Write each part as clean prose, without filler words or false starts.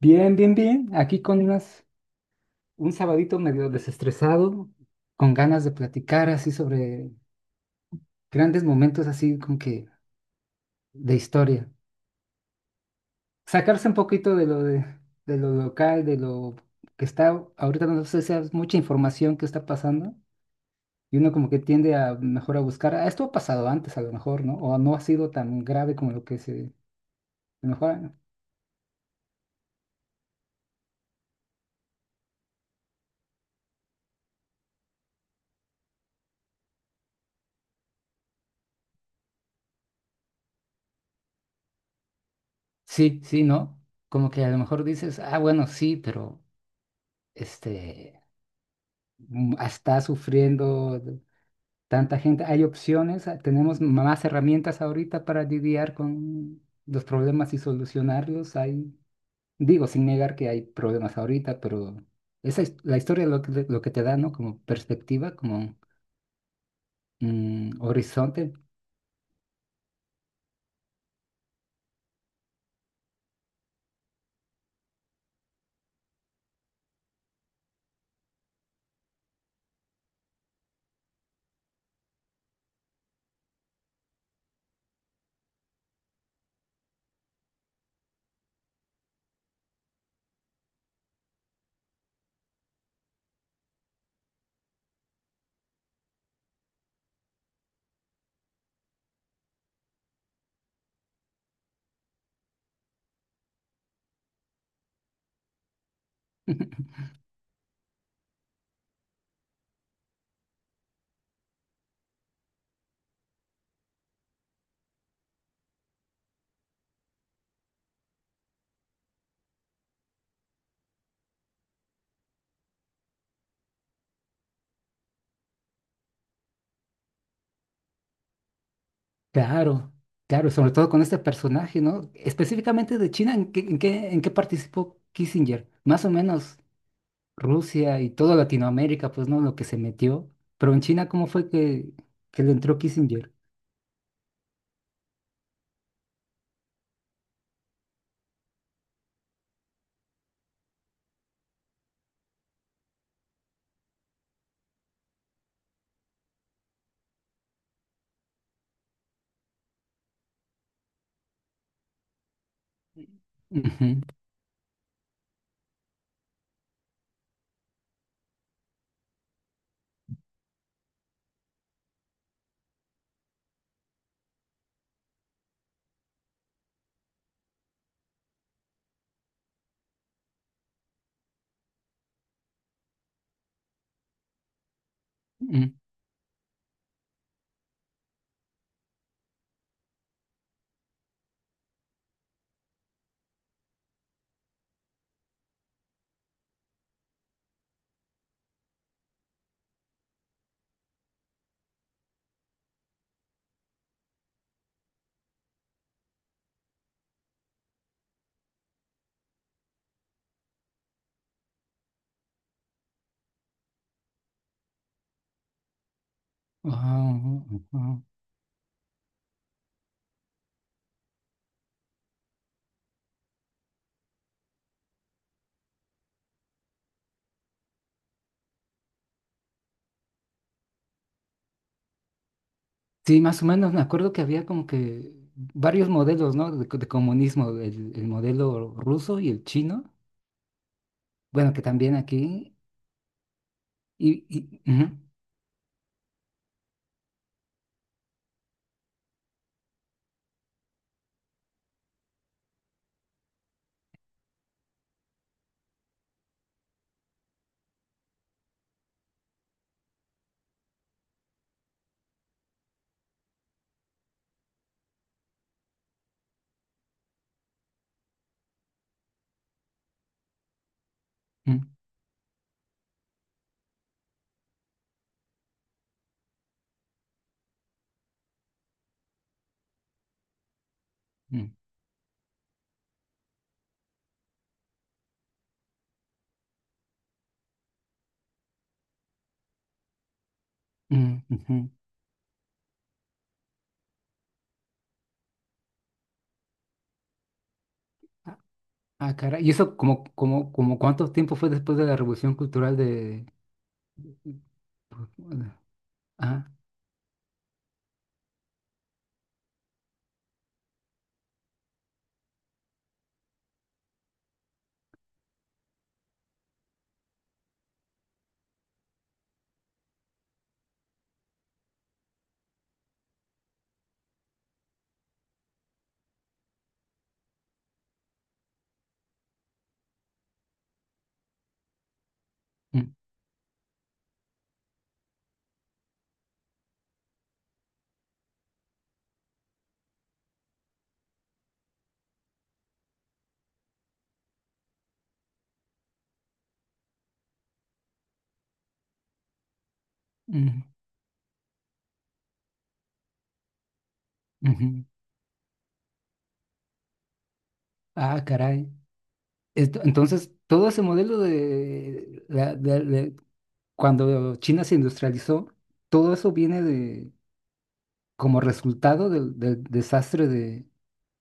Bien, bien, bien. Aquí con un sabadito medio desestresado, con ganas de platicar así sobre grandes momentos así como que de historia. Sacarse un poquito de de lo local, de lo que está ahorita, no sé si es mucha información que está pasando, y uno como que tiende a mejor a buscar, "Ah, esto ha pasado antes a lo mejor, ¿no? O no ha sido tan grave como lo que se, a lo mejor, no". Sí, sí, ¿no? Como que a lo mejor dices, ah, bueno, sí, pero este está sufriendo tanta gente. Hay opciones, tenemos más herramientas ahorita para lidiar con los problemas y solucionarlos. Digo, sin negar que hay problemas ahorita, pero esa es la historia lo que te da, ¿no? Como perspectiva, como horizonte. Claro, claro, sobre todo con este personaje, ¿no? Específicamente de China, ¿en qué participó Kissinger? Más o menos Rusia y toda Latinoamérica, pues no, lo que se metió. Pero en China, ¿cómo fue que le entró Kissinger? Ujú, ujú. Ah, ah. Sí, más o menos me acuerdo que había como que varios modelos, ¿no? De comunismo, el modelo ruso y el chino, bueno, que también aquí, ujú, ujú, ujú, ujú, ujú. Ah, ah, caray. ¿Y eso como cuánto tiempo fue después de la Revolución Cultural de...? Ah, mm, mm. Ujú. Ah, caray. Entonces, todo ese modelo de, la- de- cuando China se industrializó, todo eso viene de, como resultado del desastre de,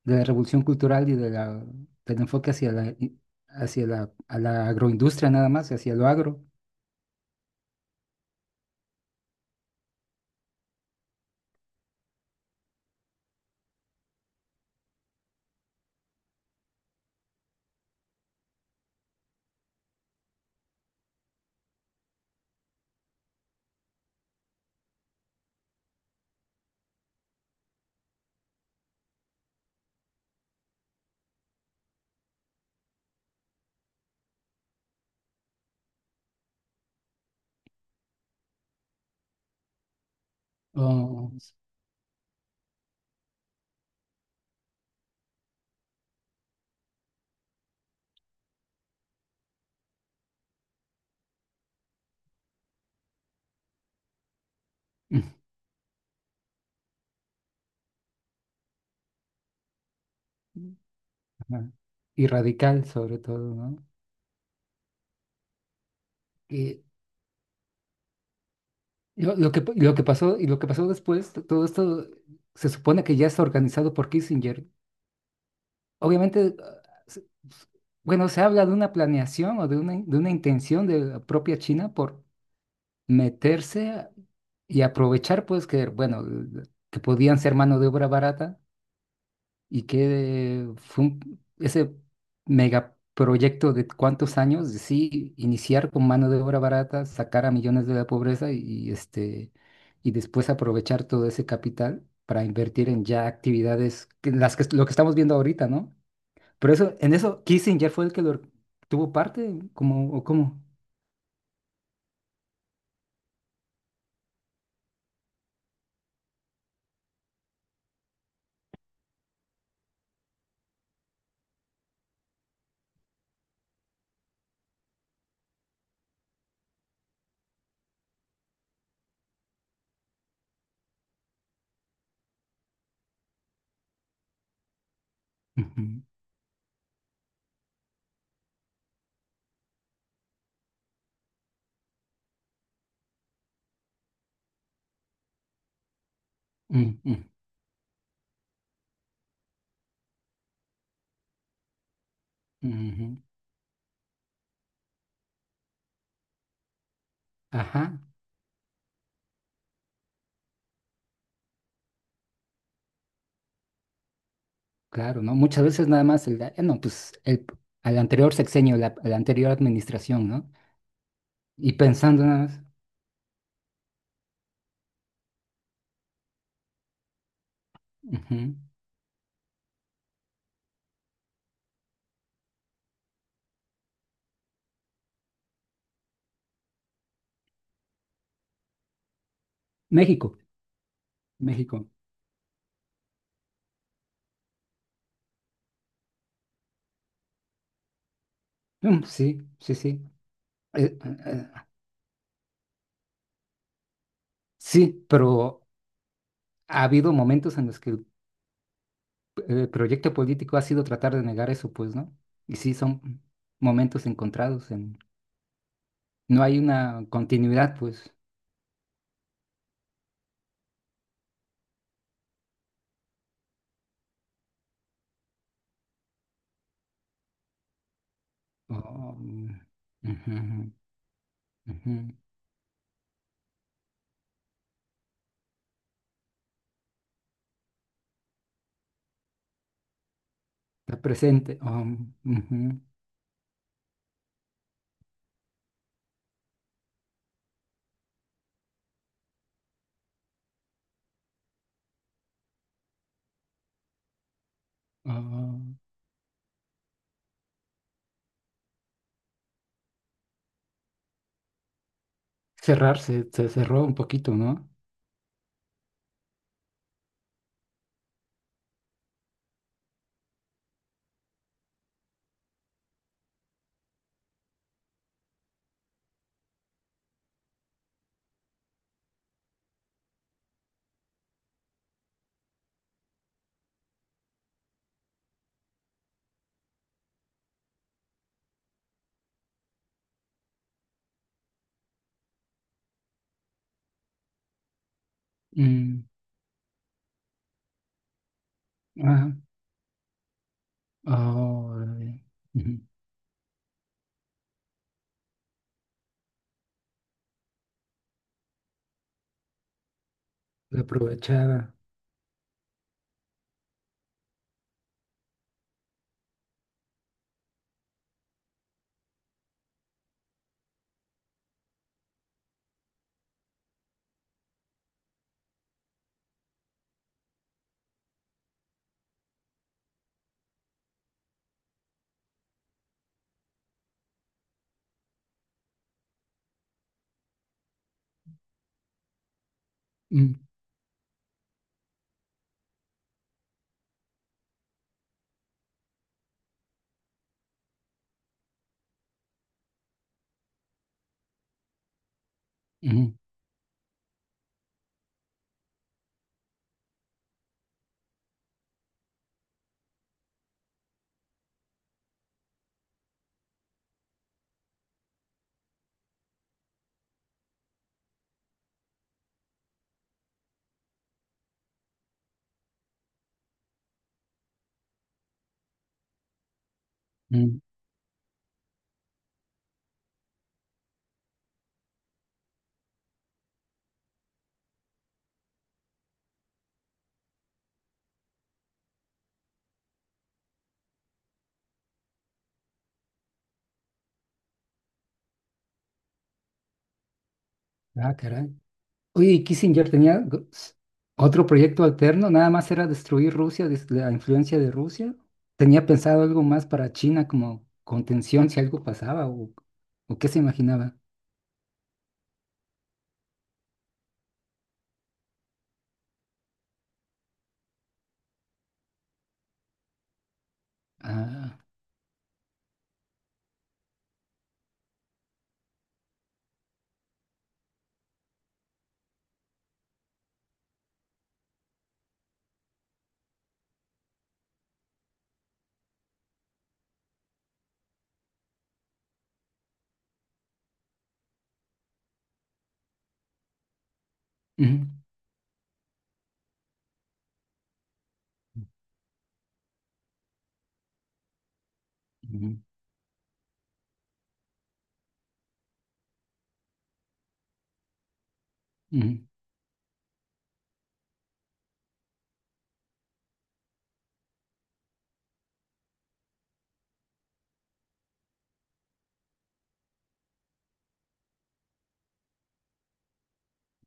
de la revolución cultural y del enfoque hacia la, i- hacia la, a la agroindustria nada más, hacia lo agro. Oh, s- ujú. Ajá. Y radical sobre todo, ¿no? Y lo que pasó, y lo que pasó después, todo esto se supone que ya está organizado por Kissinger. Obviamente, s- s- bueno, se habla de una planeación o de una intención de la propia China por meterse y aprovechar, pues, que, bueno, que podían ser mano de obra barata y que fue ese megaproyecto de cuántos años, de sí, iniciar con mano de obra barata, sacar a millones de la pobreza y, este, y después aprovechar todo ese capital para invertir en ya actividades, lo que estamos viendo ahorita, ¿no? Pero eso, en eso, Kissinger fue el que lo tuvo parte, como, o cómo. Ujú, mm, mm, ujú. Ajá, claro, ¿no? Muchas veces nada más no, pues al anterior sexenio, la, a la anterior administración, ¿no? Y pensando nada más. Ujú. México, México. Mm, sí, sí, sí. Eh, eh, eh, sí, pero ha habido momentos en los que el proyecto político ha sido tratar de negar eso, pues, ¿no? Y sí, son momentos encontrados. No hay una continuidad, pues. Oh, mm, ujú, ujú. Está presente. Oh, ujú, oh. Cerrar se cerró un poquito, ¿no? Mm, ajá. Oh, ujú. Lo aprovechaba. Mm, ujú, mm. Ah, caray. Oye, ¿y Kissinger tenía otro proyecto alterno? Nada más era destruir Rusia, la influencia de Rusia. ¿Tenía pensado algo más para China como contención si algo pasaba, o, qué se imaginaba? Ah, ujú, ujú, ujú.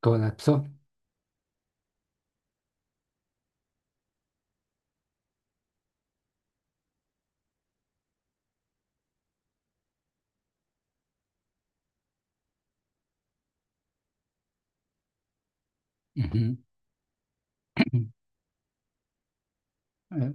Colapsó. Ujú, eh,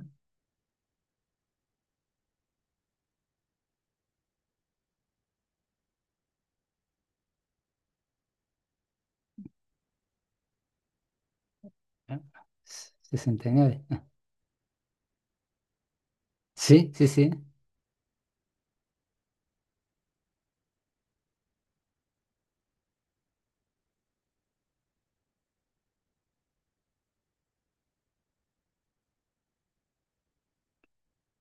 eh, 69. Ah, sí, sí, sí.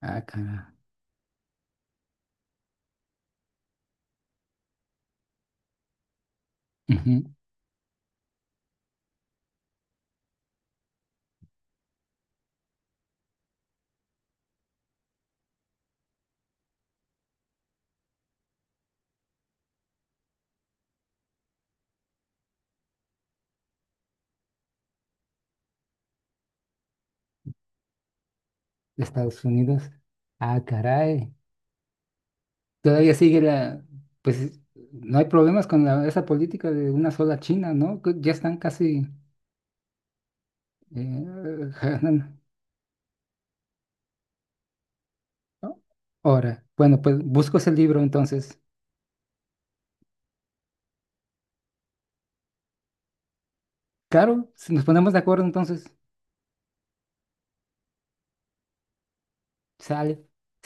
Ah, caray. Ujú, Estados Unidos. Ah, caray. Todavía sigue la. Pues no hay problemas con esa política de una sola China, ¿no? Que ya están casi, jalan, ¿no? Ahora, bueno, pues busco ese libro entonces. Claro, si nos ponemos de acuerdo entonces, sale.